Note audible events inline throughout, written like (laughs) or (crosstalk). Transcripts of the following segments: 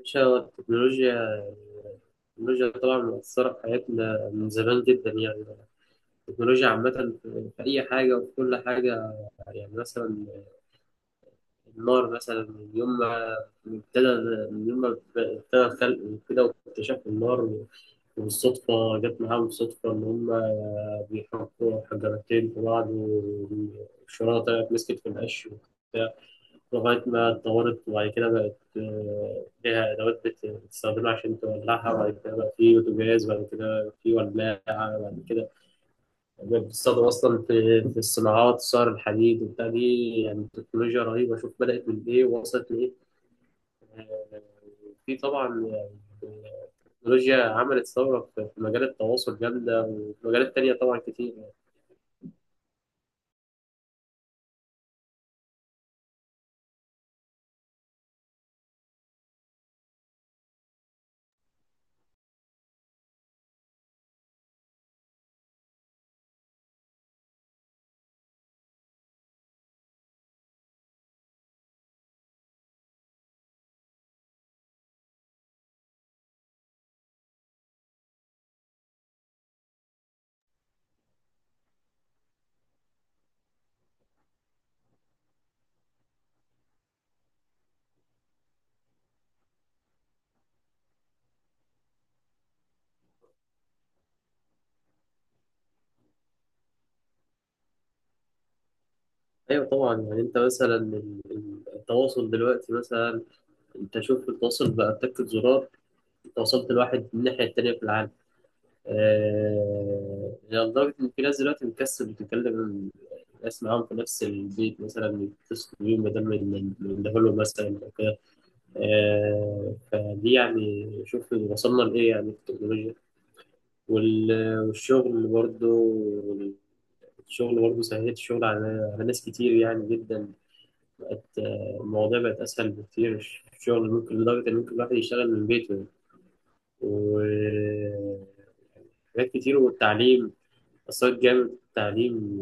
مش هو التكنولوجيا؟ التكنولوجيا طبعا مؤثرة في حياتنا من زمان جدا، يعني التكنولوجيا عامة في أي حاجة وفي كل حاجة. يعني مثلا النار، مثلا ابتدى من يوم ما ابتدى الخلق وكده واكتشفوا النار، وبالصدفة جت معاهم صدفة إن هما بيحطوا حجرتين في بعض والشرارة طلعت مسكت في القش وبتاع، لغاية ما اتطورت. وبعد كده بقت ليها أدوات بتستخدمها عشان تولعها، وبعد كده بقى في بوتاجاز، وبعد كده في ولاعة. بعد كده بقت بتستخدم أصلا في الصناعات، صهر الحديد وبتاع. دي يعني تكنولوجيا رهيبة، شوف بدأت من إيه ووصلت لإيه. آه، في طبعا، يعني التكنولوجيا عملت ثورة في مجال التواصل جامدة، وفي مجالات تانية طبعا كتير يعني. أيوة طبعا. يعني أنت مثلا التواصل دلوقتي، مثلا انت شوف التواصل بقى تكة زرار، وصلت لواحد من الناحية التانية في العالم. يعني لدرجة إن في ناس دلوقتي بتكسل بتتكلم ناس معاهم في نفس البيت، مثلا يتصلوا بيهم بدل من لهم مثلا أو كده. فدي يعني، شوف وصلنا لإيه يعني في التكنولوجيا. والشغل برضه، الشغل برضه سهلت الشغل على ناس كتير يعني جدا. بقت المواضيع بقت أسهل بكتير. الشغل ممكن، لدرجة إن ممكن الواحد يشتغل من بيته يعني. و حاجات كتير. والتعليم، أثرت جامد في التعليم،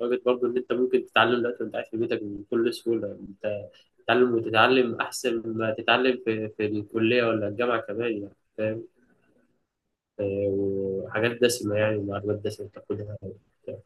لدرجة برضه إن أنت ممكن تتعلم دلوقتي وأنت قاعد في بيتك بكل سهولة. أنت تتعلم، وتتعلم أحسن ما تتعلم في الكلية ولا الجامعة كمان، يعني فاهم. وحاجات دسمة، يعني معلومات دسمة بتاخدها وبتاع.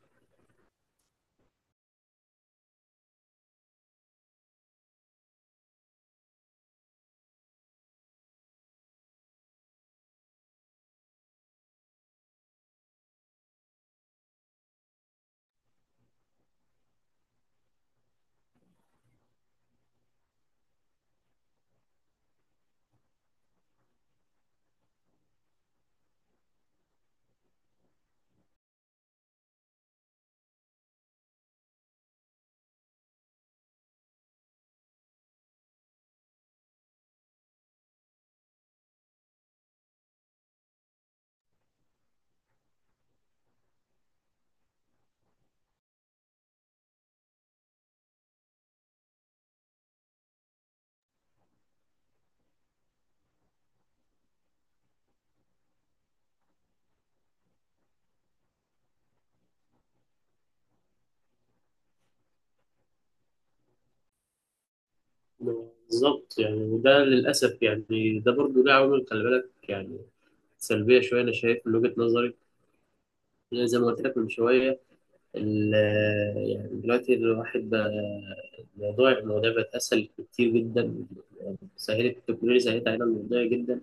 بالظبط يعني. وده للأسف يعني ده برضه له عوامل، خلي بالك يعني، سلبية شوية أنا شايف من وجهة نظري. يعني زي ما قلت لك من شوية، ال- يعني دلوقتي الواحد بقى، المواضيع بقت أسهل كتير جدا. سهلت التكنولوجيا، سهلت علينا المواضيع جدا،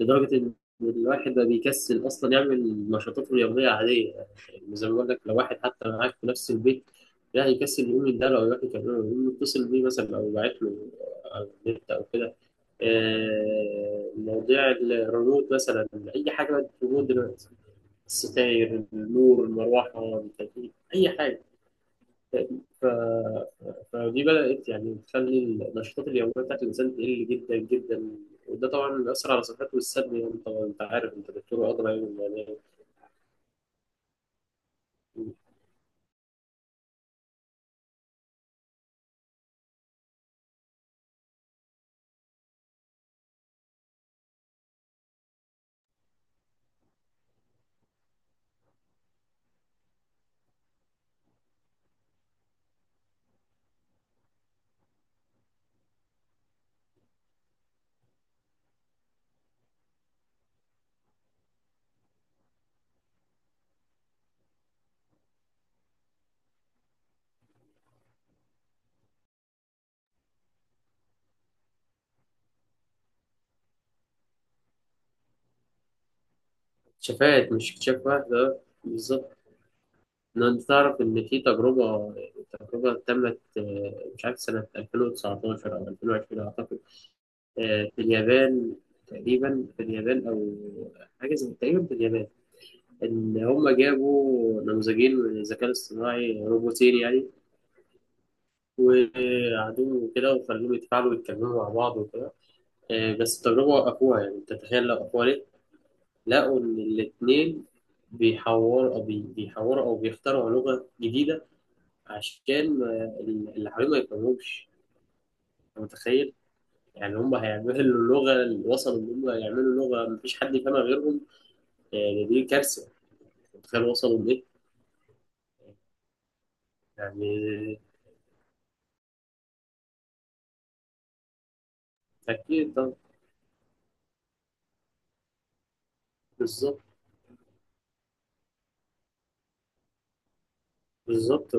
لدرجة إن الواحد بقى بيكسل أصلا يعمل نشاطاته اليومية عادية. يعني زي ما بقول لك، لو واحد حتى معاك في نفس البيت، لا يكسل يقوم يداله، أو يروح يكلمه، أو يقوم يتصل بيه مثلا، أو يبعت له على النت أو كده. مواضيع الريموت مثلا، أي حاجة بقت ريموت دلوقتي، الستاير النور المروحة التكييف أي حاجة. ف... فدي بدأت يعني تخلي النشاطات اليومية بتاعت الإنسان تقل جدا جدا. وده طبعا بيأثر على صحته والسلب يعني طبعا أنت عارف، أنت دكتور أدرى يعني، يعني اكتشافات مش اكتشاف واحد، ده بالظبط. إن أنت تعرف إن في تجربة تمت مش عارف سنة 2019 أو 2020 أعتقد، في اليابان، تقريبا في اليابان، أو حاجة زي، تقريبا في اليابان. إن هم جابوا نموذجين من الذكاء الاصطناعي، روبوتين يعني، وقعدوه وكده وخلوهم يتفاعلوا ويتكلموا مع بعض وكده. بس التجربة وقفوها. يعني أنت تخيل لو وقفوها ليه؟ لقوا إن الاتنين بيحوروا، أو بيخترعوا لغة جديدة عشان اللي حواليهم ما يفهموهمش. أنت متخيل؟ يعني هم هيعملوا اللغة، اللي وصلوا إن هم يعملوا لغة مفيش حد يفهمها غيرهم، يعني دي كارثة. أنت متخيل وصلوا لإيه؟ يعني أكيد طبعا. بالظبط. بالظبط.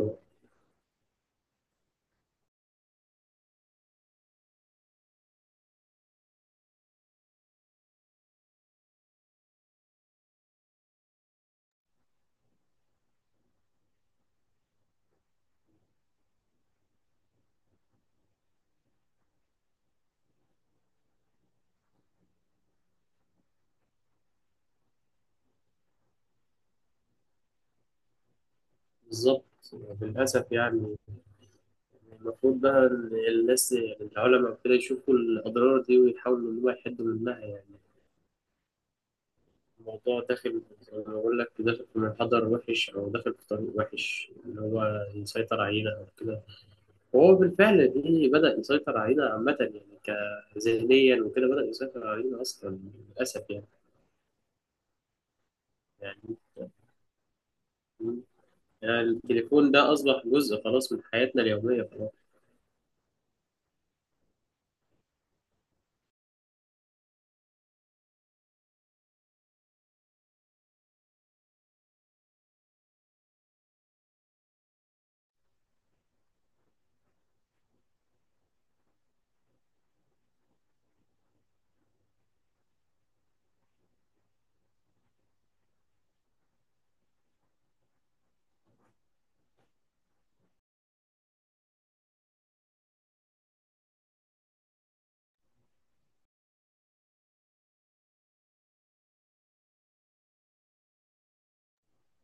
بالظبط. للأسف يعني. المفروض بقى إن الناس، يعني العلماء وكده، يشوفوا الأضرار دي ويحاولوا إن هو يحدوا منها. يعني الموضوع داخل زي ما بقول لك، داخل في منحدر وحش، أو داخل في طريق وحش، إن هو يسيطر علينا أو كده. وهو بالفعل دي بدأ يسيطر علينا عامة، يعني كذهنيا وكده، بدأ يسيطر علينا أصلا. للأسف يعني. يعني يعني التليفون ده أصبح جزء خلاص من حياتنا اليومية خلاص.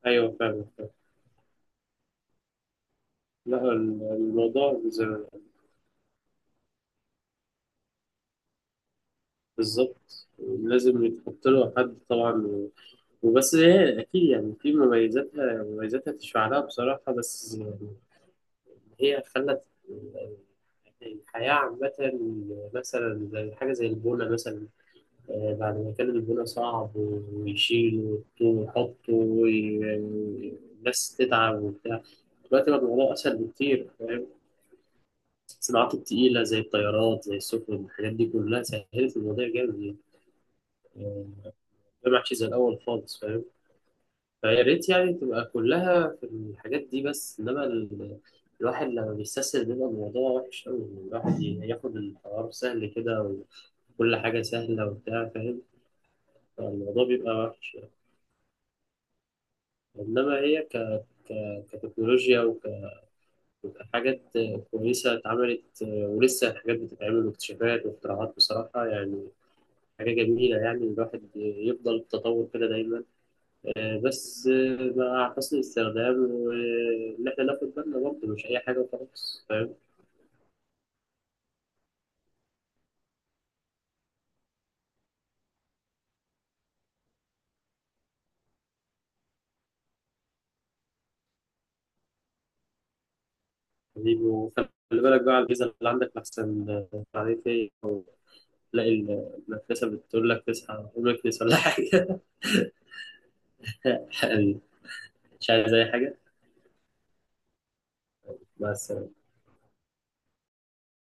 أيوه فاهم فاهم. لا الموضوع زي. بالظبط، لازم يتحط له حد طبعا. وبس هي اكيد يعني في مميزاتها، مميزاتها تشفع لها بصراحه، بس يعني هي خلت الحياه عامه، مثلا زي حاجه زي البونه مثلا. بعد ما كان البونه صعب ويشيل ويحط والناس تتعب وبتاع، دلوقتي بقى الموضوع اسهل بكتير، فاهم. الصناعات التقيله زي الطيارات، زي السفن، الحاجات دي كلها سهلت الموضوع جامد يعني. ده محشي زي الأول خالص، فاهم. فيا ريت يعني تبقى كلها في الحاجات دي، بس إنما ال... الواحد لما بيستسهل بيبقى الموضوع وحش أوي، إن الواحد ياخد القرار سهل كده، وكل حاجة سهلة وبتاع، فاهم، فالموضوع بيبقى وحش يعني. إنما هي كتكنولوجيا وكحاجات كويسة اتعملت، ولسه الحاجات بتتعمل، واكتشافات واختراعات، بصراحة يعني حاجة جميلة، يعني الواحد يفضل في التطور كده دايما. بس مع حسن الاستخدام، وإن إحنا ناخد بالنا برضه، مش أي حاجة وخلاص فاهم. حبيبي، وخلي بالك بقى على الفيزا اللي عندك، لحسن عليك إيه، تلاقي المدرسة بتقول لك تصحى، ولا حاجة. (laughs) مش عايز أي حاجة بس.